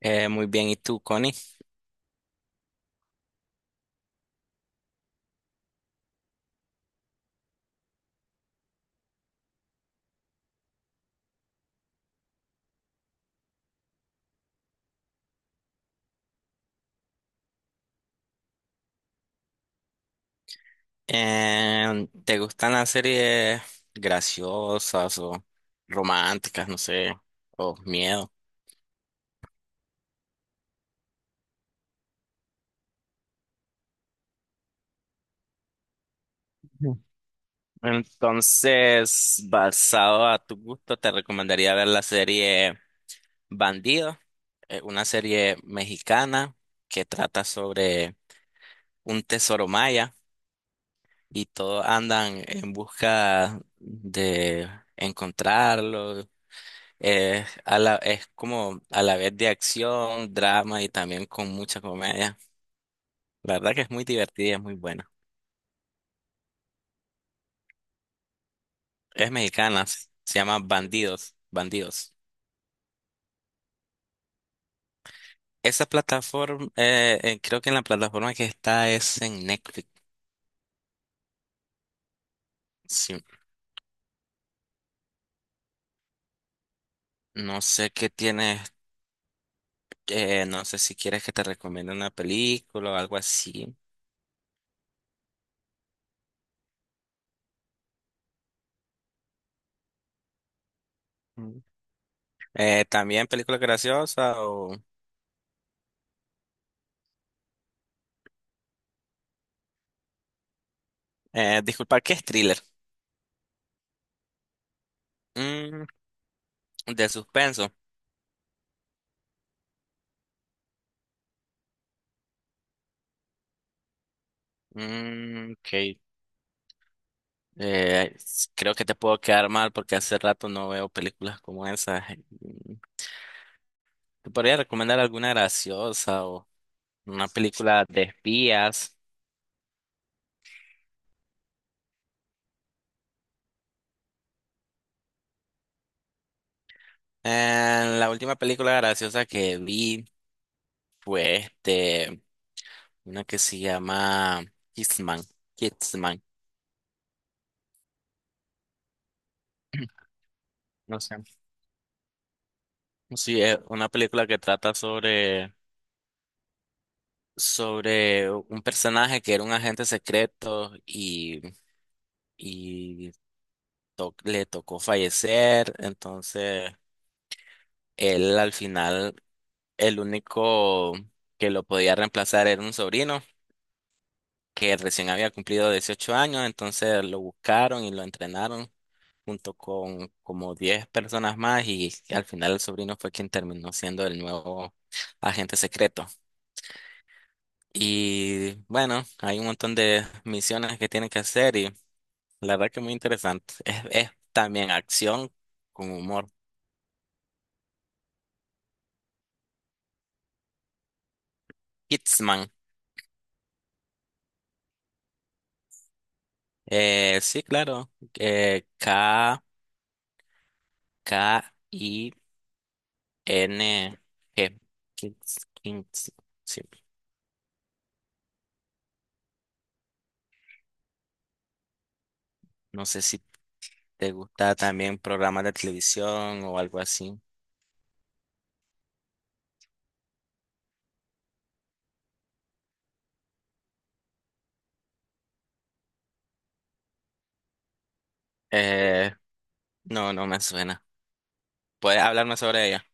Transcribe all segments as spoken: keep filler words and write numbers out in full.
Eh, muy bien, ¿y tú, Connie? Em, ¿te gustan las series graciosas o románticas, no sé, o miedo? Ujú. Entonces, basado a tu gusto, te recomendaría ver la serie Bandido, eh, una serie mexicana que trata sobre un tesoro maya y todos andan en busca de encontrarlo. Eh, a la, es como a la vez de acción, drama y también con mucha comedia. La verdad que es muy divertida, y es muy buena. Es mexicana, se se llama Bandidos, Bandidos. Esa plataforma, eh, eh, creo que en la plataforma que está es en Netflix. Sí. No sé qué tienes, eh, no sé si quieres que te recomiende una película o algo así. Mm. Eh, también película graciosa o... eh, disculpa, ¿qué es thriller? Mm, de suspenso. Mm, ok. Eh, Creo que te puedo quedar mal porque hace rato no veo películas como esas. ¿Te podría recomendar alguna graciosa o una película de espías? Eh, la última película graciosa que vi fue este, una que se llama Kissman. Kissman. No sé. Sí, es una película que trata sobre, sobre un personaje que era un agente secreto y, to- le tocó fallecer, entonces él al final, el único que lo podía reemplazar era un sobrino que recién había cumplido dieciocho años, entonces lo buscaron y lo entrenaron junto con como diez personas más y al final el sobrino fue quien terminó siendo el nuevo agente secreto. Y bueno, hay un montón de misiones que tienen que hacer y la verdad que muy interesante. Es, es también acción con humor. Kidsman. Eh, sí, claro. Eh, K K I N G. Kings- Kings, sí. No sé si te gusta también programas de televisión o algo así. Eh, no, no me suena. ¿Puedes hablarme sobre ella?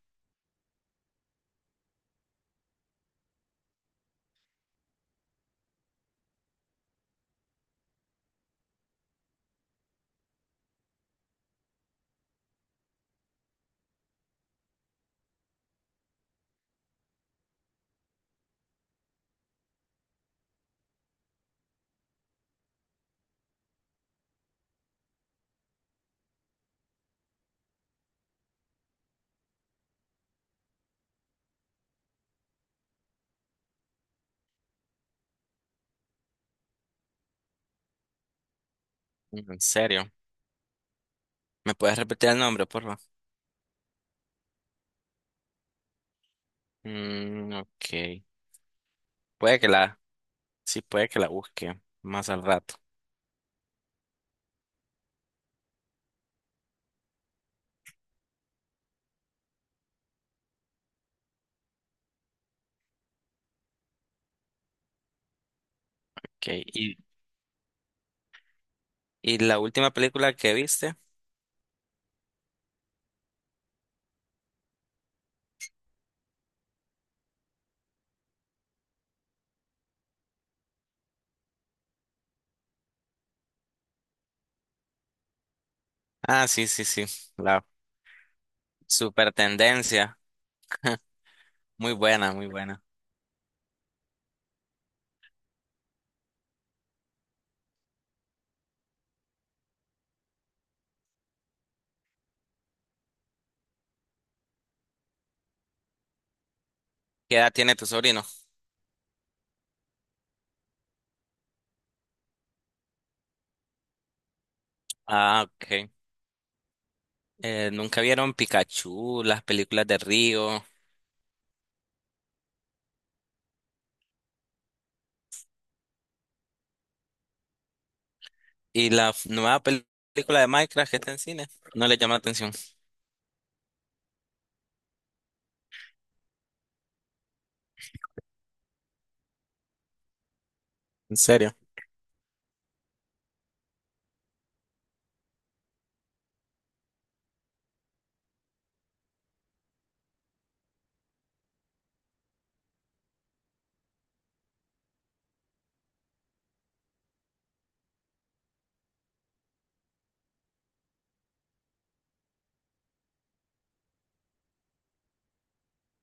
Mm. En serio. ¿Me puedes repetir el nombre, por favor? Mm, ok. Puede que la, sí, puede que la busque más al rato. Okay. ¿Y, y la última película que viste? Ah, sí, sí, sí. La super tendencia. Muy buena, muy buena. ¿Qué edad tiene tu sobrino? Ah, ok. Eh, ¿nunca vieron Pikachu, las películas de Río, y la f- nueva pel- película de Minecraft que está en cine? No le llama atención. ¿En serio?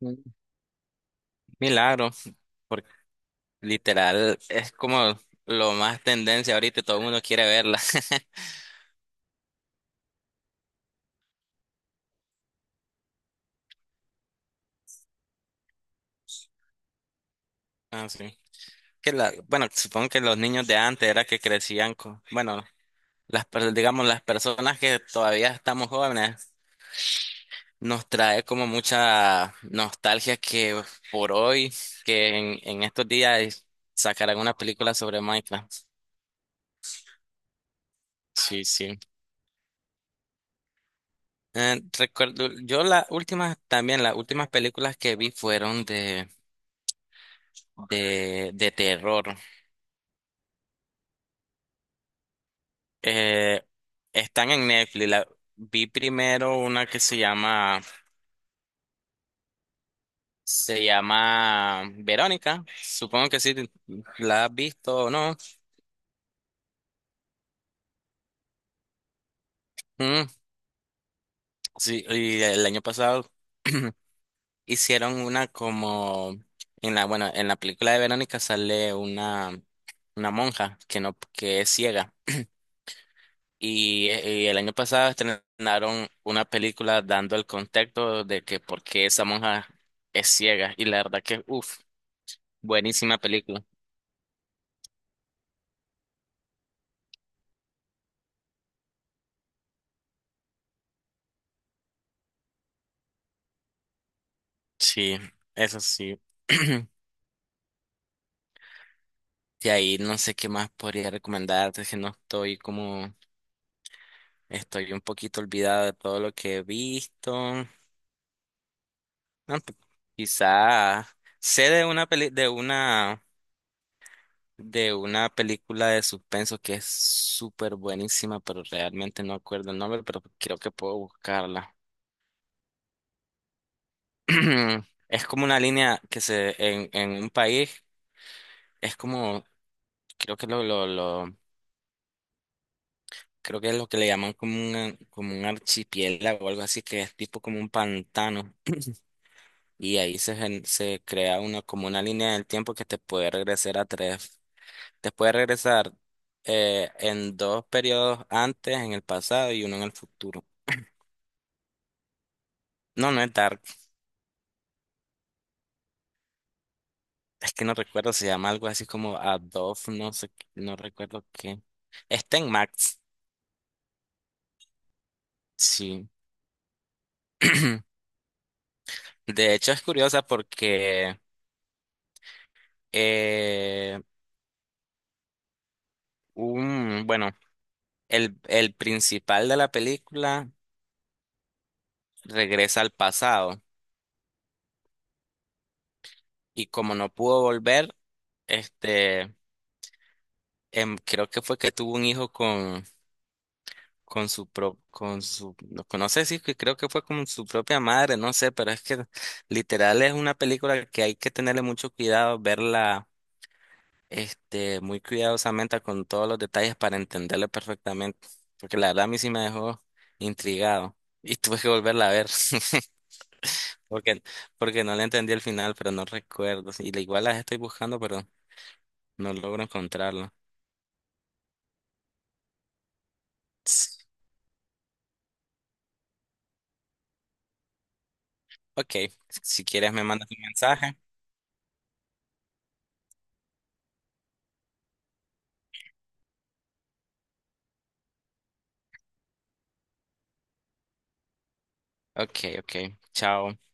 Mm. Milagro, porque literal es como lo más tendencia ahorita y todo el mundo quiere verla. Ah, sí. Que la, bueno, supongo que los niños de antes era que crecían con, bueno, las per- digamos las personas que todavía estamos jóvenes nos trae como mucha nostalgia que por hoy, que en, en estos días sacarán una película sobre Minecraft. Sí, sí. Eh, recuerdo, yo las últimas, también las últimas películas que vi fueron de, de, de terror. Eh, Están en Netflix. La- vi primero una que se llama, se llama Verónica. Supongo que sí, la has visto o no. Mm, sí, y el año pasado hicieron una como en la, bueno, en la película de Verónica sale una, una monja que no, que es ciega. Y, y el año pasado estrenaron una película dando el contexto de que por qué esa monja es ciega. Y la verdad que, uff, buenísima película. Sí, eso sí. De ahí no sé qué más podría recomendarte, que no estoy como, estoy un poquito olvidada de todo lo que he visto. No, p- quizá sé de una peli- de una de una película de suspenso que es súper buenísima, pero realmente no acuerdo el nombre, pero creo que puedo buscarla. Es como una línea que se en, en un país es como creo que lo, lo, lo creo que es lo que le llaman como un como un archipiélago o algo así que es tipo como un pantano, y ahí se gen- se crea una como una línea del tiempo que te puede regresar a tres Te puede regresar eh, en dos periodos antes, en el pasado y uno en el futuro. No, no es Dark. Es que no recuerdo, se llama algo así como Adobe, no sé, qué- no recuerdo qué. Está en Max, sí. De hecho, es curiosa porque, eh, un, bueno, el, el principal de la película regresa al pasado y como no pudo volver, este, em, creo que fue que tuvo un hijo con su pro, con su, no, no sé si que creo que fue con su propia madre, no sé, pero es que literal es una película que hay que tenerle mucho cuidado, verla este muy cuidadosamente con todos los detalles para entenderla perfectamente, porque la verdad a mí sí me dejó intrigado y tuve que volverla a ver. Porque, porque no le entendí el final, pero no recuerdo. Sí, Y la- igual las estoy buscando, pero no logro encontrarla. Ok, si quieres me mandas un mensaje. Ok, ok. Chao.